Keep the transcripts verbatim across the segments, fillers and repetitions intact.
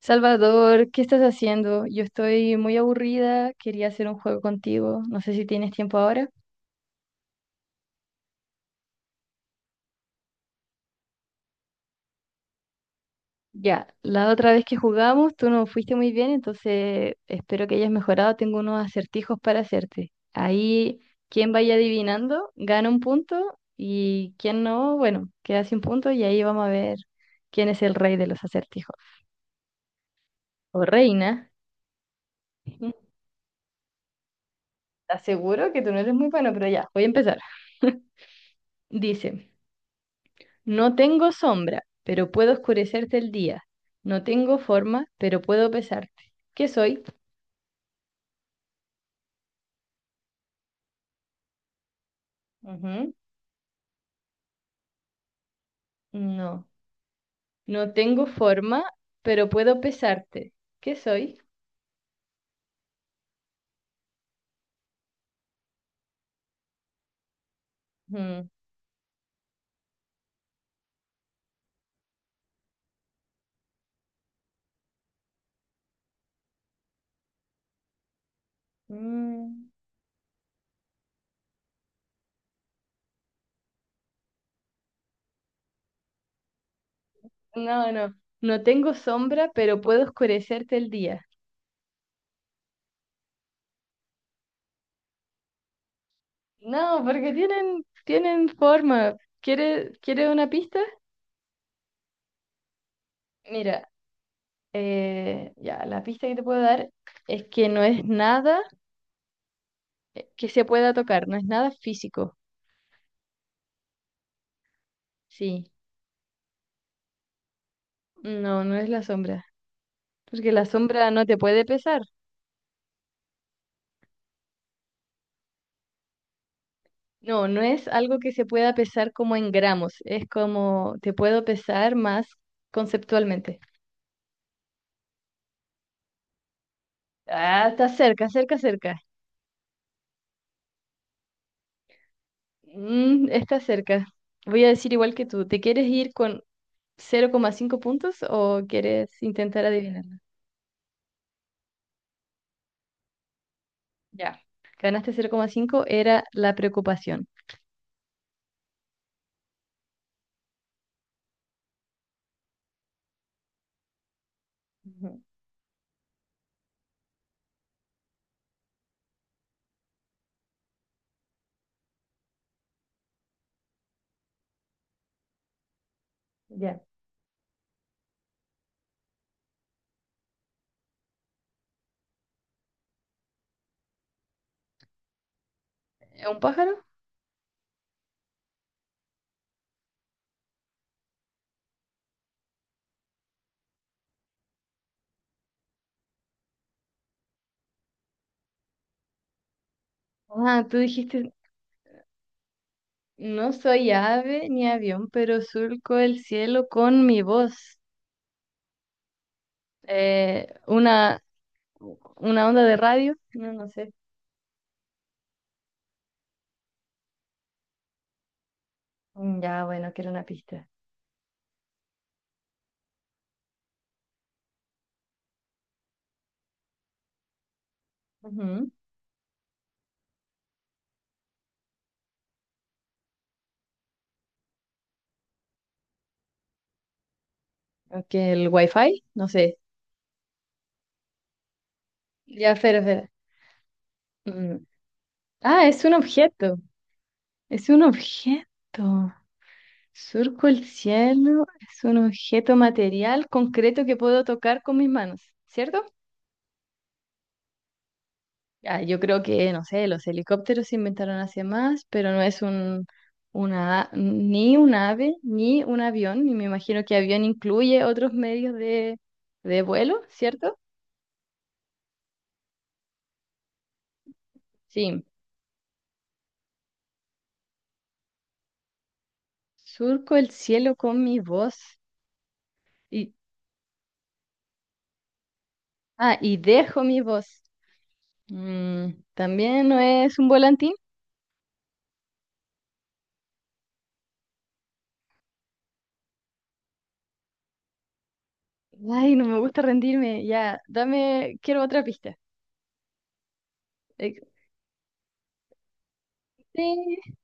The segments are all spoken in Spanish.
Salvador, ¿qué estás haciendo? Yo estoy muy aburrida, quería hacer un juego contigo, no sé si tienes tiempo ahora. Ya, la otra vez que jugamos tú no fuiste muy bien, entonces espero que hayas mejorado, tengo unos acertijos para hacerte. Ahí, quien vaya adivinando, gana un punto y quien no, bueno, queda sin punto y ahí vamos a ver quién es el rey de los acertijos. O reina, ¿estás seguro que tú no eres muy bueno? Pero ya, voy a empezar. Dice. No tengo sombra, pero puedo oscurecerte el día. No tengo forma, pero puedo pesarte. ¿Qué soy? Ujú. No. No tengo forma, pero puedo pesarte. ¿Qué soy? Mm. Mm. No, no. No tengo sombra, pero puedo oscurecerte el día. No, porque tienen, tienen forma. ¿Quieres, quieres una pista? Mira, eh, ya, la pista que te puedo dar es que no es nada eh, que se pueda tocar, no es nada físico. Sí, no, no es la sombra, porque la sombra no te puede pesar. No, no es algo que se pueda pesar como en gramos, es como te puedo pesar más conceptualmente. Ah, está cerca, cerca, cerca. Mm, está cerca. Voy a decir igual que tú, ¿te quieres ir con cero coma cinco puntos o quieres intentar adivinarlo? Ya. Ganaste cero coma cinco. Era la preocupación. Ujú. Ya. ¿Es ¿un pájaro? Ah, tú dijiste no soy ave ni avión, pero surco el cielo con mi voz. Eh, una, una onda de radio, no, no sé. Mm, ya, bueno, quiero una pista. Ujú. Ok, el wifi, no sé. Ya, espera, espera. Mm. Ah, es un objeto, es un objeto. Surco el cielo, es un objeto material concreto que puedo tocar con mis manos, ¿cierto? Ah, yo creo que, no sé, los helicópteros se inventaron hace más, pero no es un, una, ni un ave, ni un avión, y me imagino que avión incluye otros medios de, de vuelo, ¿cierto? Sí. Surco el cielo con mi voz y, ah, y dejo mi voz. Mm, ¿también no es un volantín? Ay, no me gusta rendirme, ya, dame, quiero otra pista. Eh, Sí,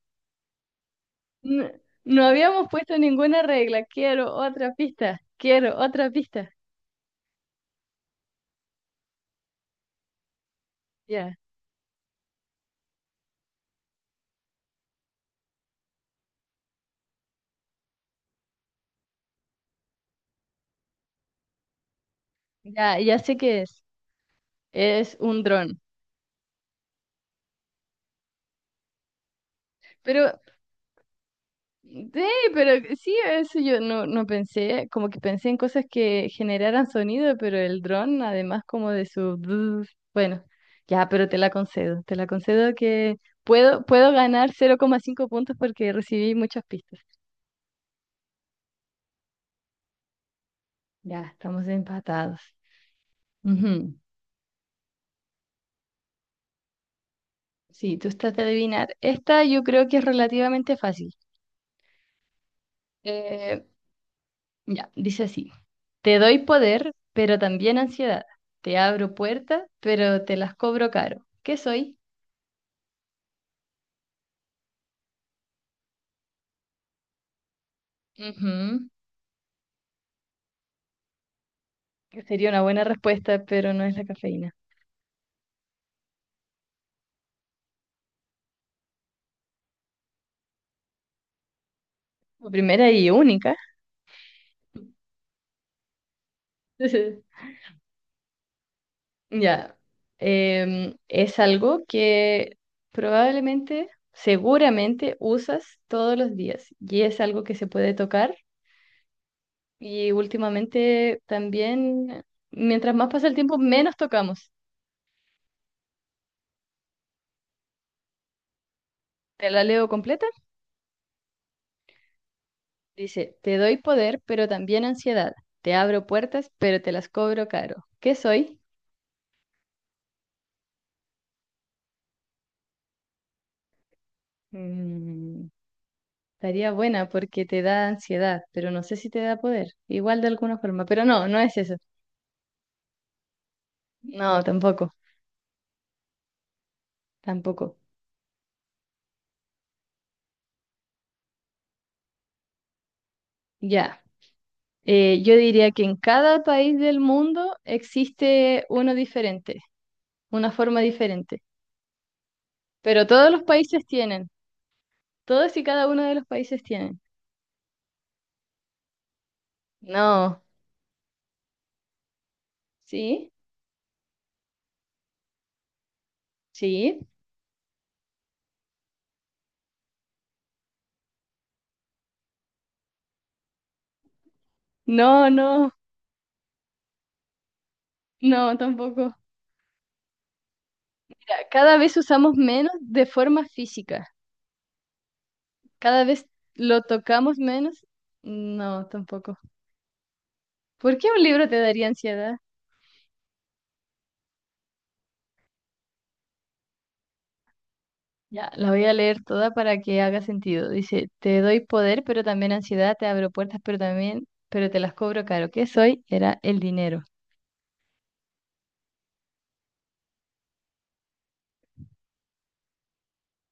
no, no habíamos puesto ninguna regla. Quiero otra pista. Quiero otra pista. Ya, ya, ya sé qué es. Es un dron. Pero, sí, pero sí, eso yo no, no pensé. Como que pensé en cosas que generaran sonido, pero el dron, además, como de su. Brr, bueno, ya, pero te la concedo. Te la concedo que puedo, puedo ganar cero coma cinco puntos porque recibí muchas pistas. Ya, estamos empatados. Ujú. Sí, tú estás de adivinar. Esta yo creo que es relativamente fácil. Eh, ya, dice así. Te doy poder, pero también ansiedad. Te abro puertas, pero te las cobro caro. ¿Qué soy? Ujú, que sería una buena respuesta, pero no es la cafeína. La primera y única. Ya. Em, es algo que probablemente, seguramente usas todos los días y es algo que se puede tocar y últimamente también, mientras más pasa el tiempo, menos tocamos. ¿Te la leo completa? Dice, te doy poder, pero también ansiedad. Te abro puertas, pero te las cobro caro. ¿Qué soy? Mm, estaría buena porque te da ansiedad, pero no sé si te da poder. Igual de alguna forma, pero no, no es eso. No, tampoco, tampoco. Ya. Eh, yo diría que en cada país del mundo existe uno diferente, una forma diferente. Pero todos los países tienen. Todos y cada uno de los países tienen. No, sí, sí. No, no, no, tampoco. Mira, cada vez usamos menos de forma física. Cada vez lo tocamos menos. No, tampoco. ¿Por qué un libro te daría ansiedad? Ya, la voy a leer toda para que haga sentido. Dice, te doy poder, pero también ansiedad, te abro puertas, pero también, pero te las cobro caro. ¿Qué soy? Era el dinero.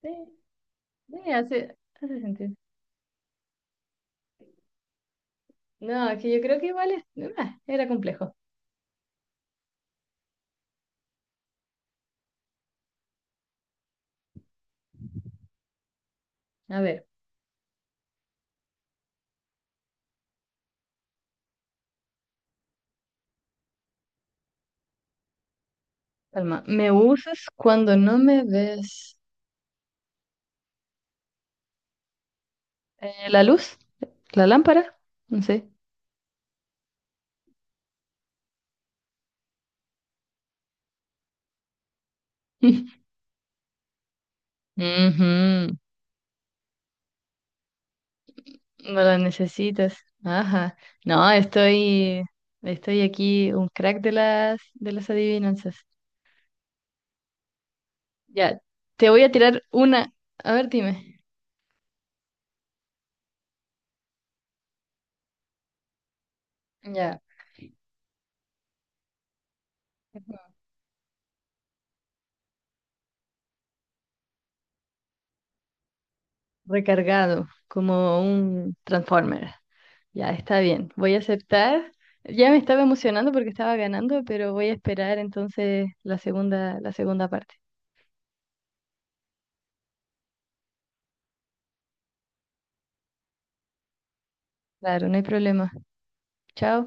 Sí, sí, hace, hace sentido. No, es que yo creo que igual es- ah, era complejo. A ver. Calma. ¿Me usas cuando no me ves? Eh, ¿la luz? ¿La lámpara? No sé. Ujú, no la necesitas. Ajá. No, estoy, estoy aquí un crack de las, de las adivinanzas. Ya, te voy a tirar una. A ver, dime. Ya. Recargado, como un Transformer. Ya, está bien. Voy a aceptar. Ya me estaba emocionando porque estaba ganando, pero voy a esperar entonces la segunda, la segunda parte. Claro, no hay problema. Chao.